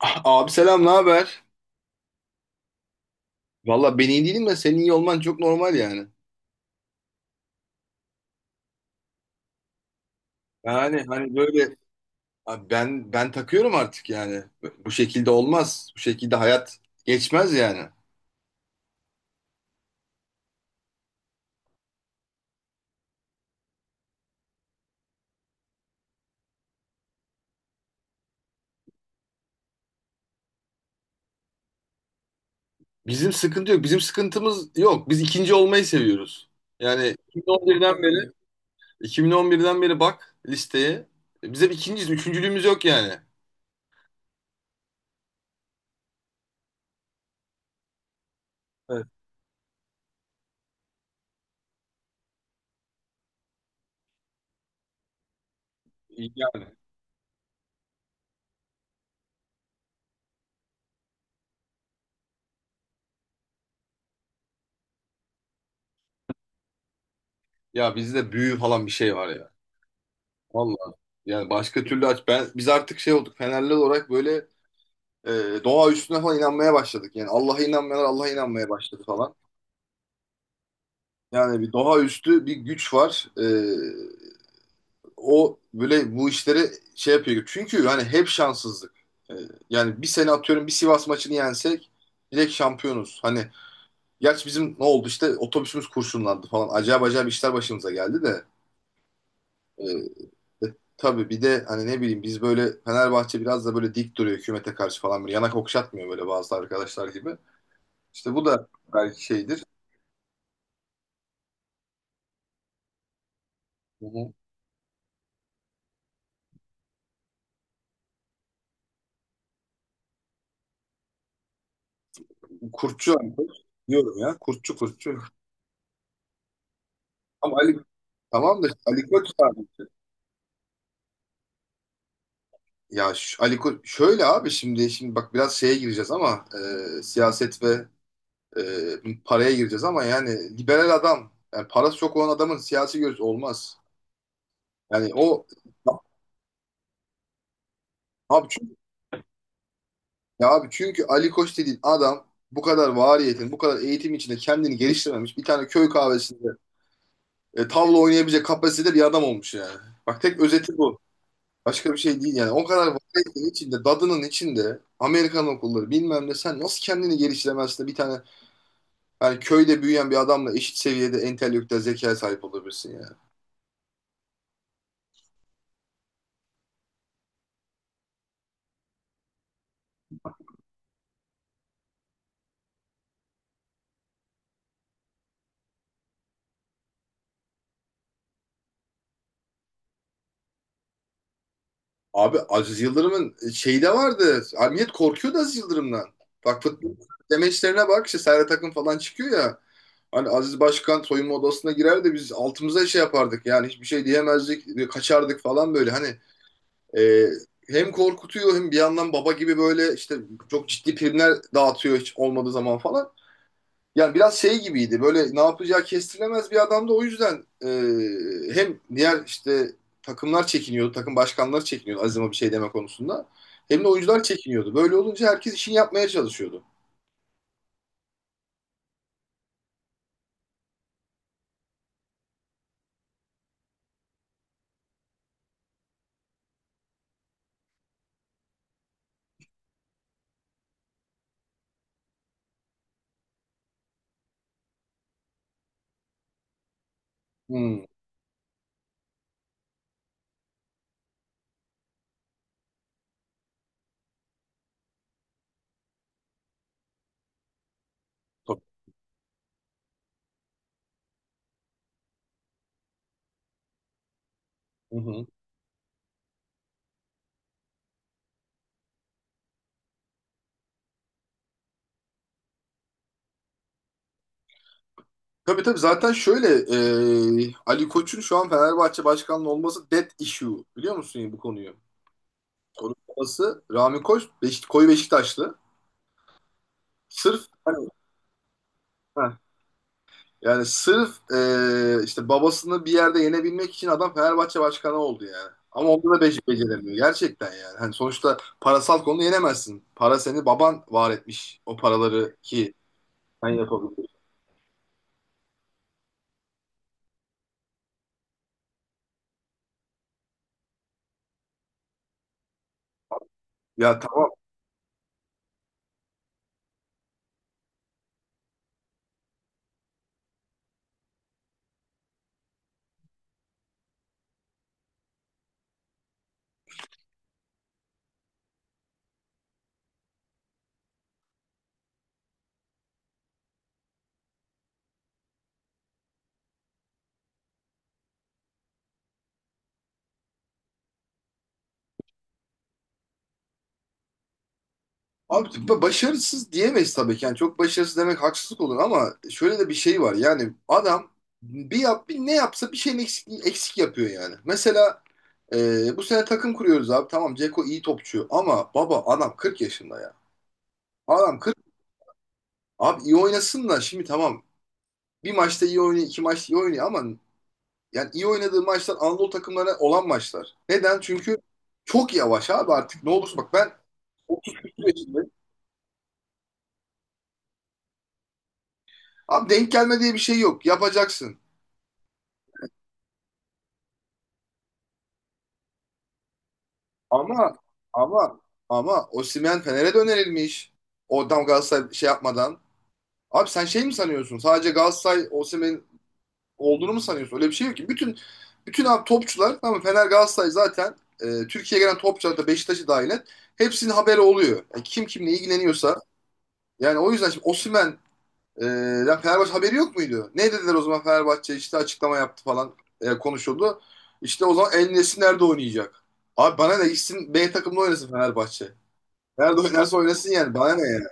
Ah, abi selam, ne haber? Valla ben iyi değilim de senin iyi olman çok normal yani. Yani hani böyle abi ben takıyorum artık yani. Bu şekilde olmaz. Bu şekilde hayat geçmez yani. Bizim sıkıntı yok. Bizim sıkıntımız yok. Biz ikinci olmayı seviyoruz. Yani 2011'den beri bak listeye. Biz hep ikinciyiz. Üçüncülüğümüz yok yani. Evet. Yani ya bizde büyü falan bir şey var ya. Vallahi yani başka türlü aç ben biz artık şey olduk. Fenerli olarak böyle e, doğa üstüne falan inanmaya başladık. Yani Allah'a inanmayanlar Allah'a inanmaya başladı falan. Yani bir doğa üstü bir güç var. O böyle bu işleri şey yapıyor. Çünkü hani hep şanssızlık. E, yani bir sene atıyorum bir Sivas maçını yensek direkt şampiyonuz. Hani gerçi bizim ne oldu işte otobüsümüz kurşunlandı falan. Acayip acayip işler başımıza geldi de. E, e, tabii bir de hani ne bileyim biz böyle Fenerbahçe biraz da böyle dik duruyor hükümete karşı falan. Böyle yanak okşatmıyor böyle bazı arkadaşlar gibi. İşte bu da belki şeydir. Hı hı. Kurtçu Ali Koç diyorum ya. Kurtçu kurtçu. Ama Ali, tamam da Ali Koç sadece. Ya Ali Koç şöyle abi şimdi bak biraz şeye gireceğiz ama siyaset ve paraya gireceğiz ama yani liberal adam yani parası çok olan adamın siyasi görüşü olmaz. Yani o abi çünkü, abi çünkü Ali Koç dediğin adam bu kadar variyetin, bu kadar eğitim içinde kendini geliştirmemiş. Bir tane köy kahvesinde tavla oynayabilecek kapasitede bir adam olmuş yani. Bak tek özeti bu. Başka bir şey değil yani. O kadar variyetin içinde, dadının içinde Amerikan okulları bilmem ne sen nasıl kendini geliştiremezsin de bir tane yani köyde büyüyen bir adamla eşit seviyede entelektüel zekaya sahip olabilirsin ya. Abi Aziz Yıldırım'ın şeyi de vardı. Abi millet korkuyordu Aziz Yıldırım'dan. Bak futbol demeçlerine bak işte Serhat Akın falan çıkıyor ya. Hani Aziz Başkan soyunma odasına girer de biz altımıza şey yapardık yani hiçbir şey diyemezdik, kaçardık falan böyle. Hani E, hem korkutuyor hem bir yandan baba gibi böyle işte çok ciddi primler dağıtıyor hiç olmadığı zaman falan. Yani biraz şey gibiydi böyle ne yapacağı kestirilemez bir adamdı o yüzden hem diğer işte takımlar çekiniyordu, takım başkanları çekiniyordu Azim'e bir şey deme konusunda. Hem de oyuncular çekiniyordu. Böyle olunca herkes işini yapmaya çalışıyordu. Hmm. Tabii. Hı hı. Tabii tabii zaten şöyle Ali Koç'un şu an Fenerbahçe başkanlığı olması dead issue, biliyor musun bu konuyu? Onun babası Rami Koç, koyu Beşiktaşlı. Sırf hani, heh, yani sırf işte babasını bir yerde yenebilmek için adam Fenerbahçe başkanı oldu yani. Ama onda da beş beceremiyor gerçekten yani. Hani sonuçta parasal konuda yenemezsin. Para seni baban var etmiş, o paraları ki sen yapabiliyorsun. Ya tamam, abi başarısız diyemeyiz tabii ki. Yani çok başarısız demek haksızlık olur ama şöyle de bir şey var. Yani adam bir ne yapsa bir şeyin eksik, eksik yapıyor yani. Mesela bu sene takım kuruyoruz abi. Tamam, Ceko iyi topçu ama baba adam 40 yaşında ya. Adam 40. Abi iyi oynasın da şimdi tamam. Bir maçta iyi oynuyor, iki maçta iyi oynuyor ama yani iyi oynadığı maçlar Anadolu takımlarına olan maçlar. Neden? Çünkü çok yavaş abi artık. Ne olursa bak ben 30 yaşındayım. Abi denk gelme diye bir şey yok. Yapacaksın. Ama ama ama Osimhen Fener'e de önerilmiş. Oradan Galatasaray şey yapmadan. Abi sen şey mi sanıyorsun? Sadece Galatasaray Osimhen olduğunu mu sanıyorsun? Öyle bir şey yok ki. Bütün abi topçular, tamam mı? Fener Galatasaray zaten Türkiye'ye gelen topçular, da Beşiktaş'ı dahil et. Hepsinin haberi oluyor. Yani kim kimle ilgileniyorsa. Yani o yüzden şimdi Osimhen, e, lan Fenerbahçe haberi yok muydu? Ne dediler o zaman? Fenerbahçe işte açıklama yaptı falan, konuşuldu. İşte o zaman El Nesri nerede oynayacak? Abi bana ne, gitsin B takımda oynasın Fenerbahçe. Nerede oynarsa oynasın yani. Bana ne yani?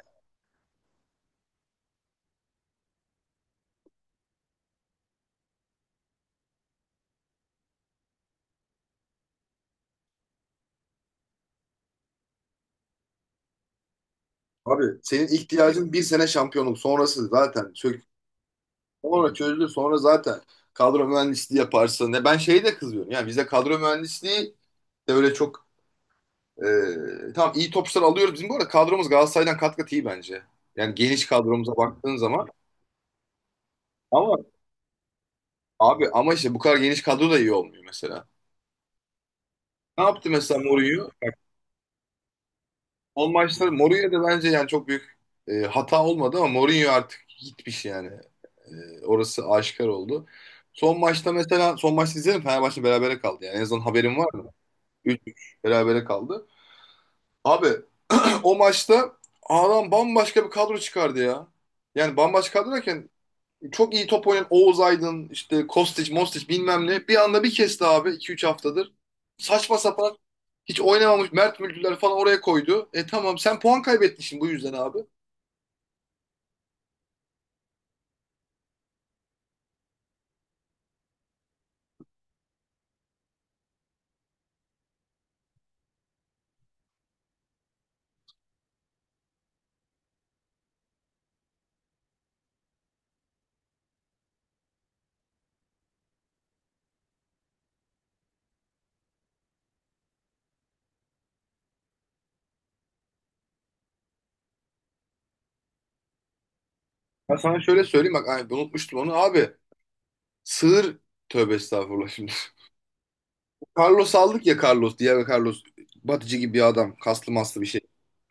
Abi senin ihtiyacın bir sene şampiyonluk. Sonrası zaten. Çök. Sonra çözülür. Sonra zaten kadro mühendisliği yaparsın. Ne ben şeyi de kızıyorum. Yani bize kadro mühendisliği de öyle çok tam iyi topçular alıyoruz. Bizim bu arada kadromuz Galatasaray'dan kat kat iyi bence. Yani geniş kadromuza baktığın zaman, ama abi ama işte bu kadar geniş kadro da iyi olmuyor mesela. Ne yaptı mesela Mourinho? Son maçta Mourinho'da bence yani çok büyük hata olmadı ama Mourinho artık gitmiş yani. Orası aşikar oldu. Son maçta, mesela son maçta izledim, Fenerbahçe berabere kaldı. Yani en azından haberim var mı? 3-3 berabere kaldı. Abi o maçta adam bambaşka bir kadro çıkardı ya. Yani bambaşka kadro derken çok iyi top oynayan Oğuz Aydın, işte Kostić, Mostić bilmem ne. Bir anda bir kesti abi iki üç haftadır. Saçma sapan hiç oynamamış Mert Mülküler falan oraya koydu. Tamam sen puan kaybettin şimdi bu yüzden abi. Ben sana şöyle söyleyeyim bak, ay, unutmuştum onu abi. Sığır, tövbe estağfurullah şimdi. Carlos aldık ya, Carlos, diğer Carlos, batıcı gibi bir adam, kaslı maslı bir şey.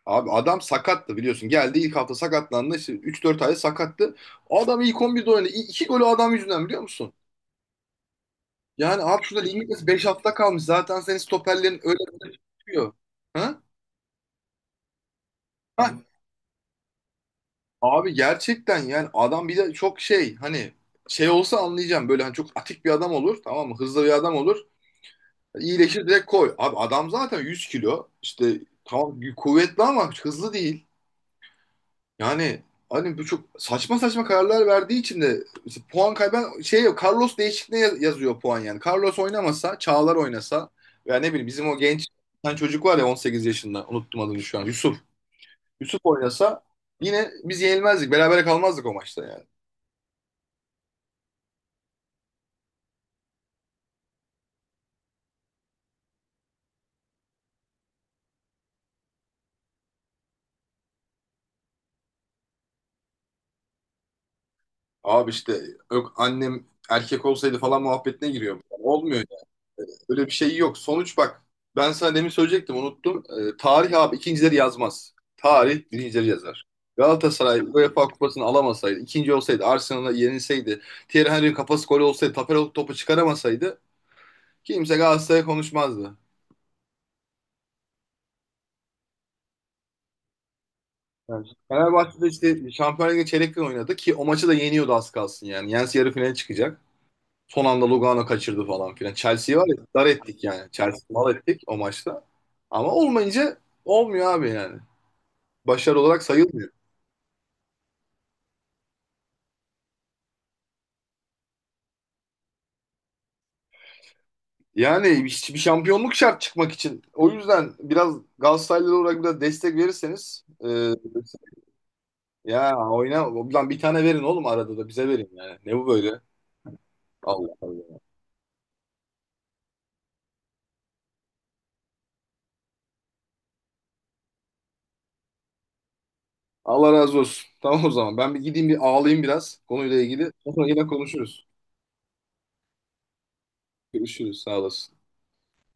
Abi adam sakattı biliyorsun. Geldi ilk hafta sakatlandı. İşte 3-4 ay sakattı. O adam ilk 11'de oynadı. İki golü adam yüzünden, biliyor musun? Yani abi şurada ligin 5 hafta kalmış. Zaten senin stoperlerin öyle böyle çıkıyor. Ha? Ha, abi gerçekten yani adam bir de çok şey, hani şey olsa anlayacağım, böyle hani çok atik bir adam olur tamam mı, hızlı bir adam olur, iyileşir direkt koy. Abi adam zaten 100 kilo, işte tamam kuvvetli ama hızlı değil. Yani hani bu çok saçma saçma kararlar verdiği için de işte puan kaybeden şey yok, Carlos değişikliğine yazıyor puan yani. Carlos oynamasa, Çağlar oynasa veya ne bileyim bizim o genç bir tane çocuk var ya, 18 yaşında, unuttum adını şu an, Yusuf. Yusuf oynasa yine biz yenilmezdik, berabere kalmazdık o maçta yani. Abi işte yok annem erkek olsaydı falan muhabbetine giriyor. Olmuyor yani. Öyle bir şey yok. Sonuç bak. Ben sana demin söyleyecektim, unuttum. Tarih abi ikincileri yazmaz. Tarih birincileri yazar. Galatasaray UEFA Kupası'nı alamasaydı, ikinci olsaydı, Arsenal'a yenilseydi, Thierry Henry'in kafası gol olsaydı, Tapera topu çıkaramasaydı, kimse Galatasaray'a konuşmazdı. Evet. Fenerbahçe'de işte Şampiyonlar Ligi çeyrek final oynadı ki o maçı da yeniyordu az kalsın yani. Yense yarı finale çıkacak. Son anda Lugano kaçırdı falan filan. Chelsea'yi var ya dar ettik yani. Chelsea'yi mal ettik o maçta. Ama olmayınca olmuyor abi yani. Başarı olarak sayılmıyor. Yani hiçbir şampiyonluk şart çıkmak için. O yüzden biraz Galatasaraylı olarak biraz destek verirseniz, ya oyna lan, bir tane verin oğlum, arada da bize verin yani. Ne bu böyle? Allah Allah. Allah razı olsun. Tamam o zaman. Ben bir gideyim bir ağlayayım biraz konuyla ilgili. Sonra yine konuşuruz. Görüşürüz. Sağ olasın.